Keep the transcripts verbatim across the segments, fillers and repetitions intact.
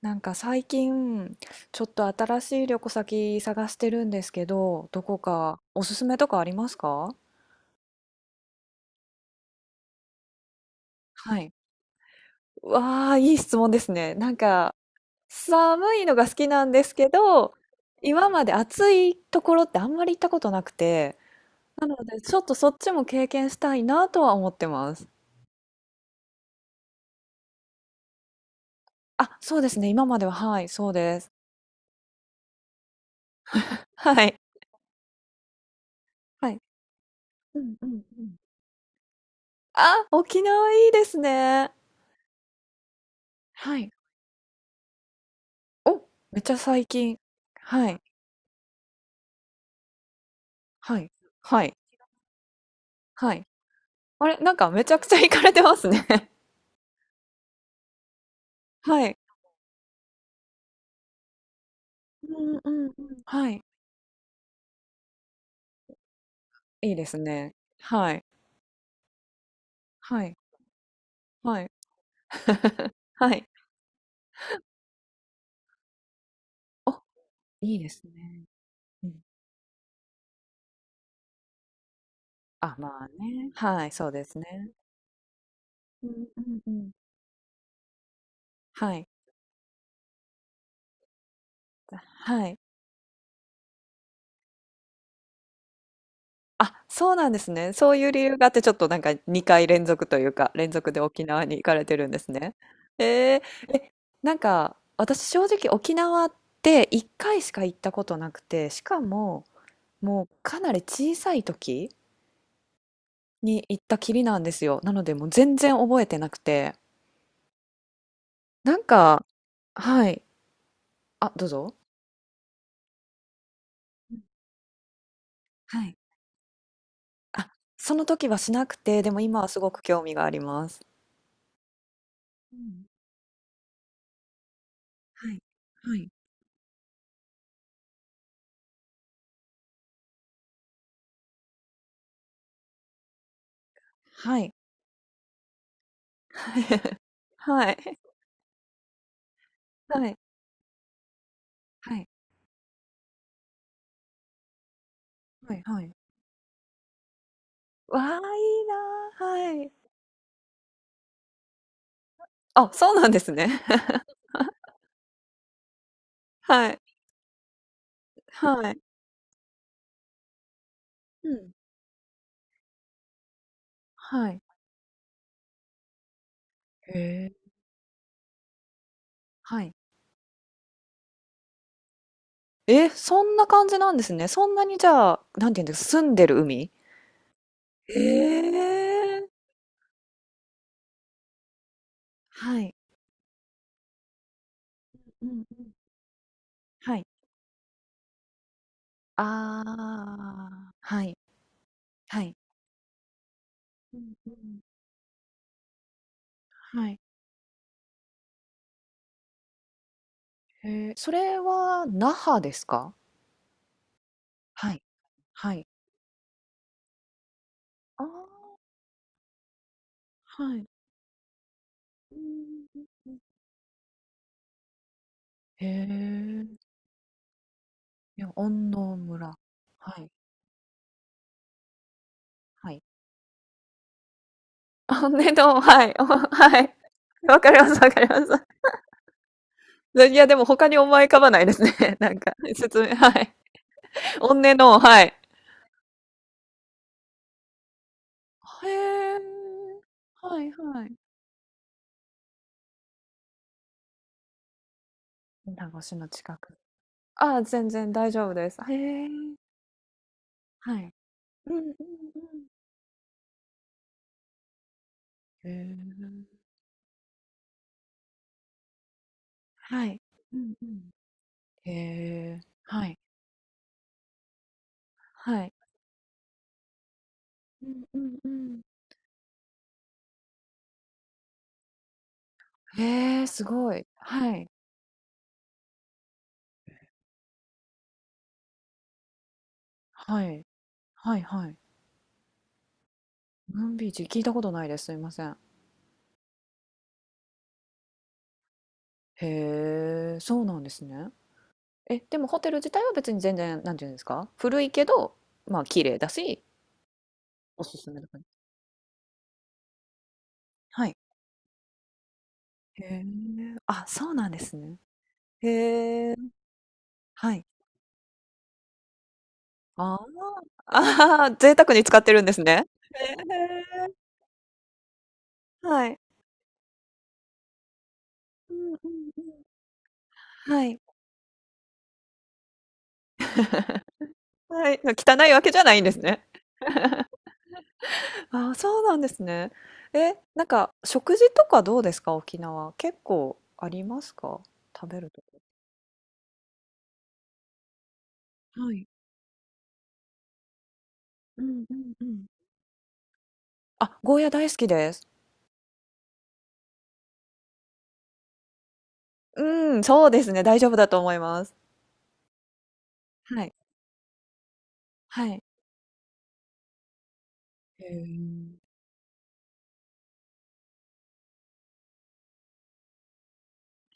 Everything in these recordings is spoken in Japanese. なんか最近、ちょっと新しい旅行先探してるんですけど、どこかおすすめとかありますか？はい。わあ、いい質問ですね。なんか、寒いのが好きなんですけど、今まで暑いところってあんまり行ったことなくて、なのでちょっとそっちも経験したいなとは思ってます。あ、そうですね。今までは、はい、そうです。はい。はい。うんうんうん。あ、沖縄いいですね。はい。お、めっちゃ最近。はい。はい。はい。はい。あれ、なんかめちゃくちゃ 行かれてますね。はい。うんうんうん。はい。いいですね。はい。はい。はい。はい。お、いいですね。うん。あ、まあね。はい、そうですね。うんうんうん。はい。はい。あ、そうなんですね。そういう理由があって、ちょっとなんかにかい連続というか、連続で沖縄に行かれてるんですね。えーなんか、私正直沖縄っていっかいしか行ったことなくて、しかももうかなり小さい時に行ったきりなんですよ。なのでもう全然覚えてなくて。なんか、はい。あ、どうぞ。はい。あ、その時はしなくて、でも今はすごく興味があります。うん、はい。はい。はい。はい。はい。はい。はい。はい。わあ、いいなあ、はい。あ、そうなんですね。はい。はい。うん。はい。へえ。はい。え、そんな感じなんですね。そんなにじゃあ、なんて言うんですか、澄んでる海？ええ。はい。うんうん。はい。ああ、はい、はい。うんうん。はい。へえ、それは那覇ですか？はい。はい。ああ、はい。うん、うんうん。へえ、いや、安納村。はい、はい。あ、ね、どうもはい、おはい。わかりますわかります。で、いや、でも他に思い浮かばないですね、なんか、説明はい。おんねの、はい。へえ。はいはい。米子市の近く。ああ、全然大丈夫です。へえ。はい。うんうんうん。へえ。はい。うんうん。へえ。はい。はい。うんうんうん。へえ、すごい。はい。はい。はいはい。ムーンビーチ、聞いたことないです。すいません。へえ、そうなんですね。え、でもホテル自体は別に全然、なんていうんですか、古いけど、まあ、綺麗だし、おすすめとかにはい。へえ。あ、そうなんですね。へえ。はい。ああ。ああ、贅沢に使ってるんですね。へえ、はい。うんうんうん。はい。はい、汚いわけじゃないんですね。ああ、そうなんですね。え、なんか食事とかどうですか？沖縄。結構ありますか？食べるとこ。はい。うんうんうん。あ、ゴーヤ大好きです。うん、そうですね、大丈夫だと思います。はい。はい。へえ。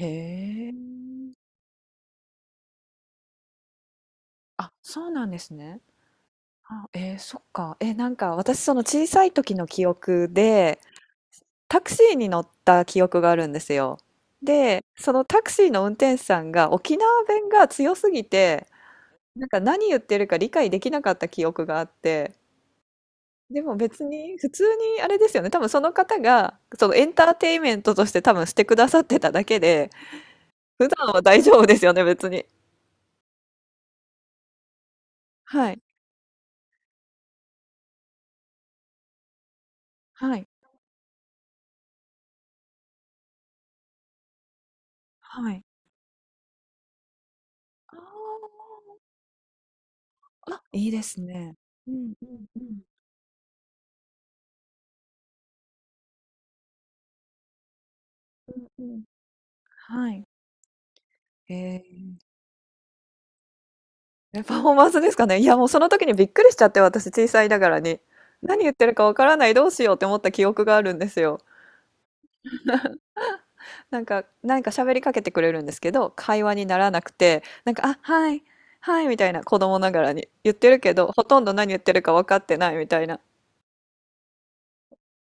へえ。あ、そうなんですね。あ、えーそっか。え、なんか私その小さい時の記憶で、タクシーに乗った記憶があるんですよ。で、そのタクシーの運転手さんが沖縄弁が強すぎて、なんか何言ってるか理解できなかった記憶があって、でも別に普通にあれですよね、多分その方がそのエンターテインメントとして多分してくださってただけで、普段は大丈夫ですよね、別に。はい、はい、はい。ああ。あ、いいですね。うんうんうん。うんうん。はい。へえ。え、パフォーマンスですかね？いや、もうその時にびっくりしちゃって、私、小さいながらに。何言ってるかわからない、どうしようって思った記憶があるんですよ。なんかなんか喋りかけてくれるんですけど、会話にならなくて、なんか、「あ、はい、はい」みたいな、子供ながらに。言ってるけど、ほとんど何言ってるか分かってないみたいな。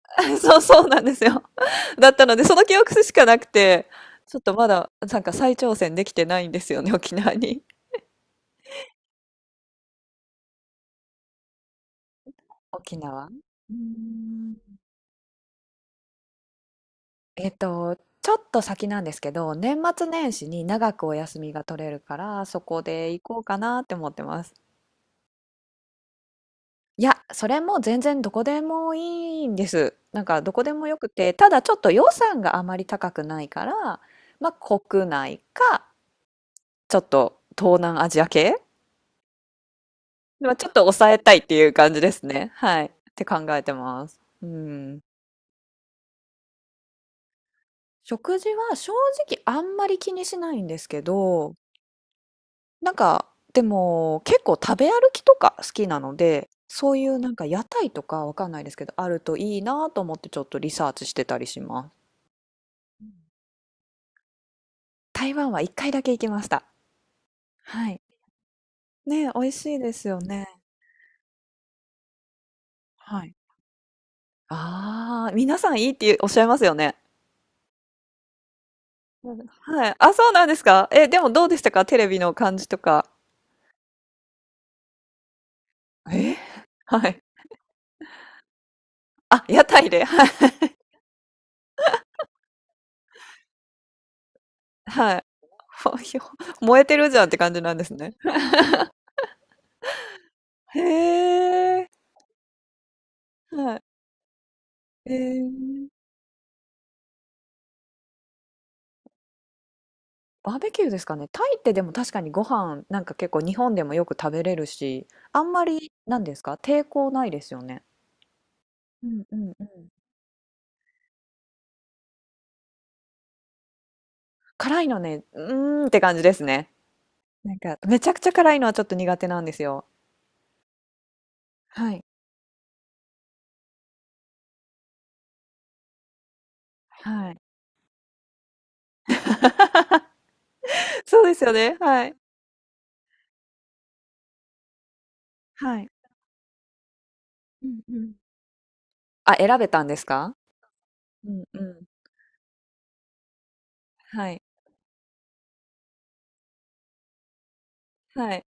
そうそうなんですよ。だったので、その記憶しかなくて、ちょっとまだ、なんか再挑戦できてないんですよね、沖縄に。沖縄。うーん。えっと、ちょっと先なんですけど、年末年始に長くお休みが取れるから、そこで行こうかなって思ってます。いや、それも全然どこでもいいんです。なんかどこでもよくて、ただちょっと予算があまり高くないから、まあ国内か、ちょっと東南アジア系、まあ、ちょっと抑えたいっていう感じですね。はい。って考えてます。うん。食事は正直あんまり気にしないんですけど、なんか、でも、結構食べ歩きとか好きなので、そういうなんか屋台とかわかんないですけど、あるといいなと思ってちょっとリサーチしてたりします。うん、台湾は一回だけ行きました。はい。ね、美味しいですよね。はい。ああ、皆さんいいっておっしゃいますよね。うんはい。あ、そうなんですか。え、でもどうでしたかテレビの感じとか。えはい。あ、屋台で。はい。はい。ほひょ燃えてるじゃんって感じなんですね。へえ。はい。えー、バーベキューですかね。タイってでも確かにご飯なんか結構日本でもよく食べれるし、あんまりなんですか、抵抗ないですよね。うんうんうん。辛いのね、うーんって感じですね。なんかめちゃくちゃ辛いのはちょっと苦手なんですよ。はい。はい。そうですよね、はい。はい。うんうん。あ、選べたんですか？うんうん。はい。はい。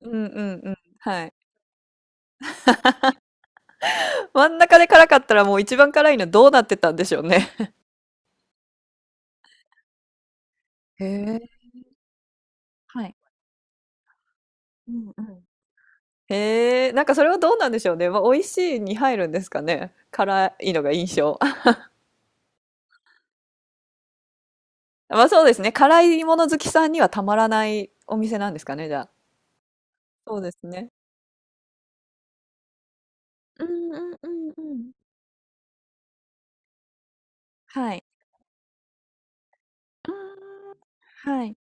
うんうんうん。はい。真ん中で辛かったらもう一番辛いのどうなってたんでしょうね。へえ、はい。うんうん。へえ、なんかそれはどうなんでしょうね。まあ、美味しいに入るんですかね。辛いのが印象。まあそうですね。辛いもの好きさんにはたまらないお店なんですかね、じゃあ。そうですね。うんうんうんうん。はい。あーはい、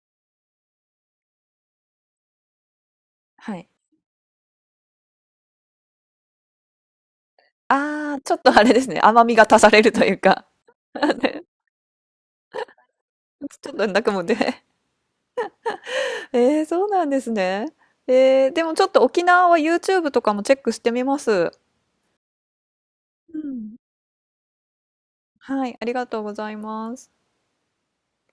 はい。ああ、ちょっとあれですね、甘みが足されるというか。ね、ちょっと泣くもんで。ええ、そうなんですね。ええ、でもちょっと沖縄は ユーチューブ とかもチェックしてみます。うん。はい、ありがとうございます。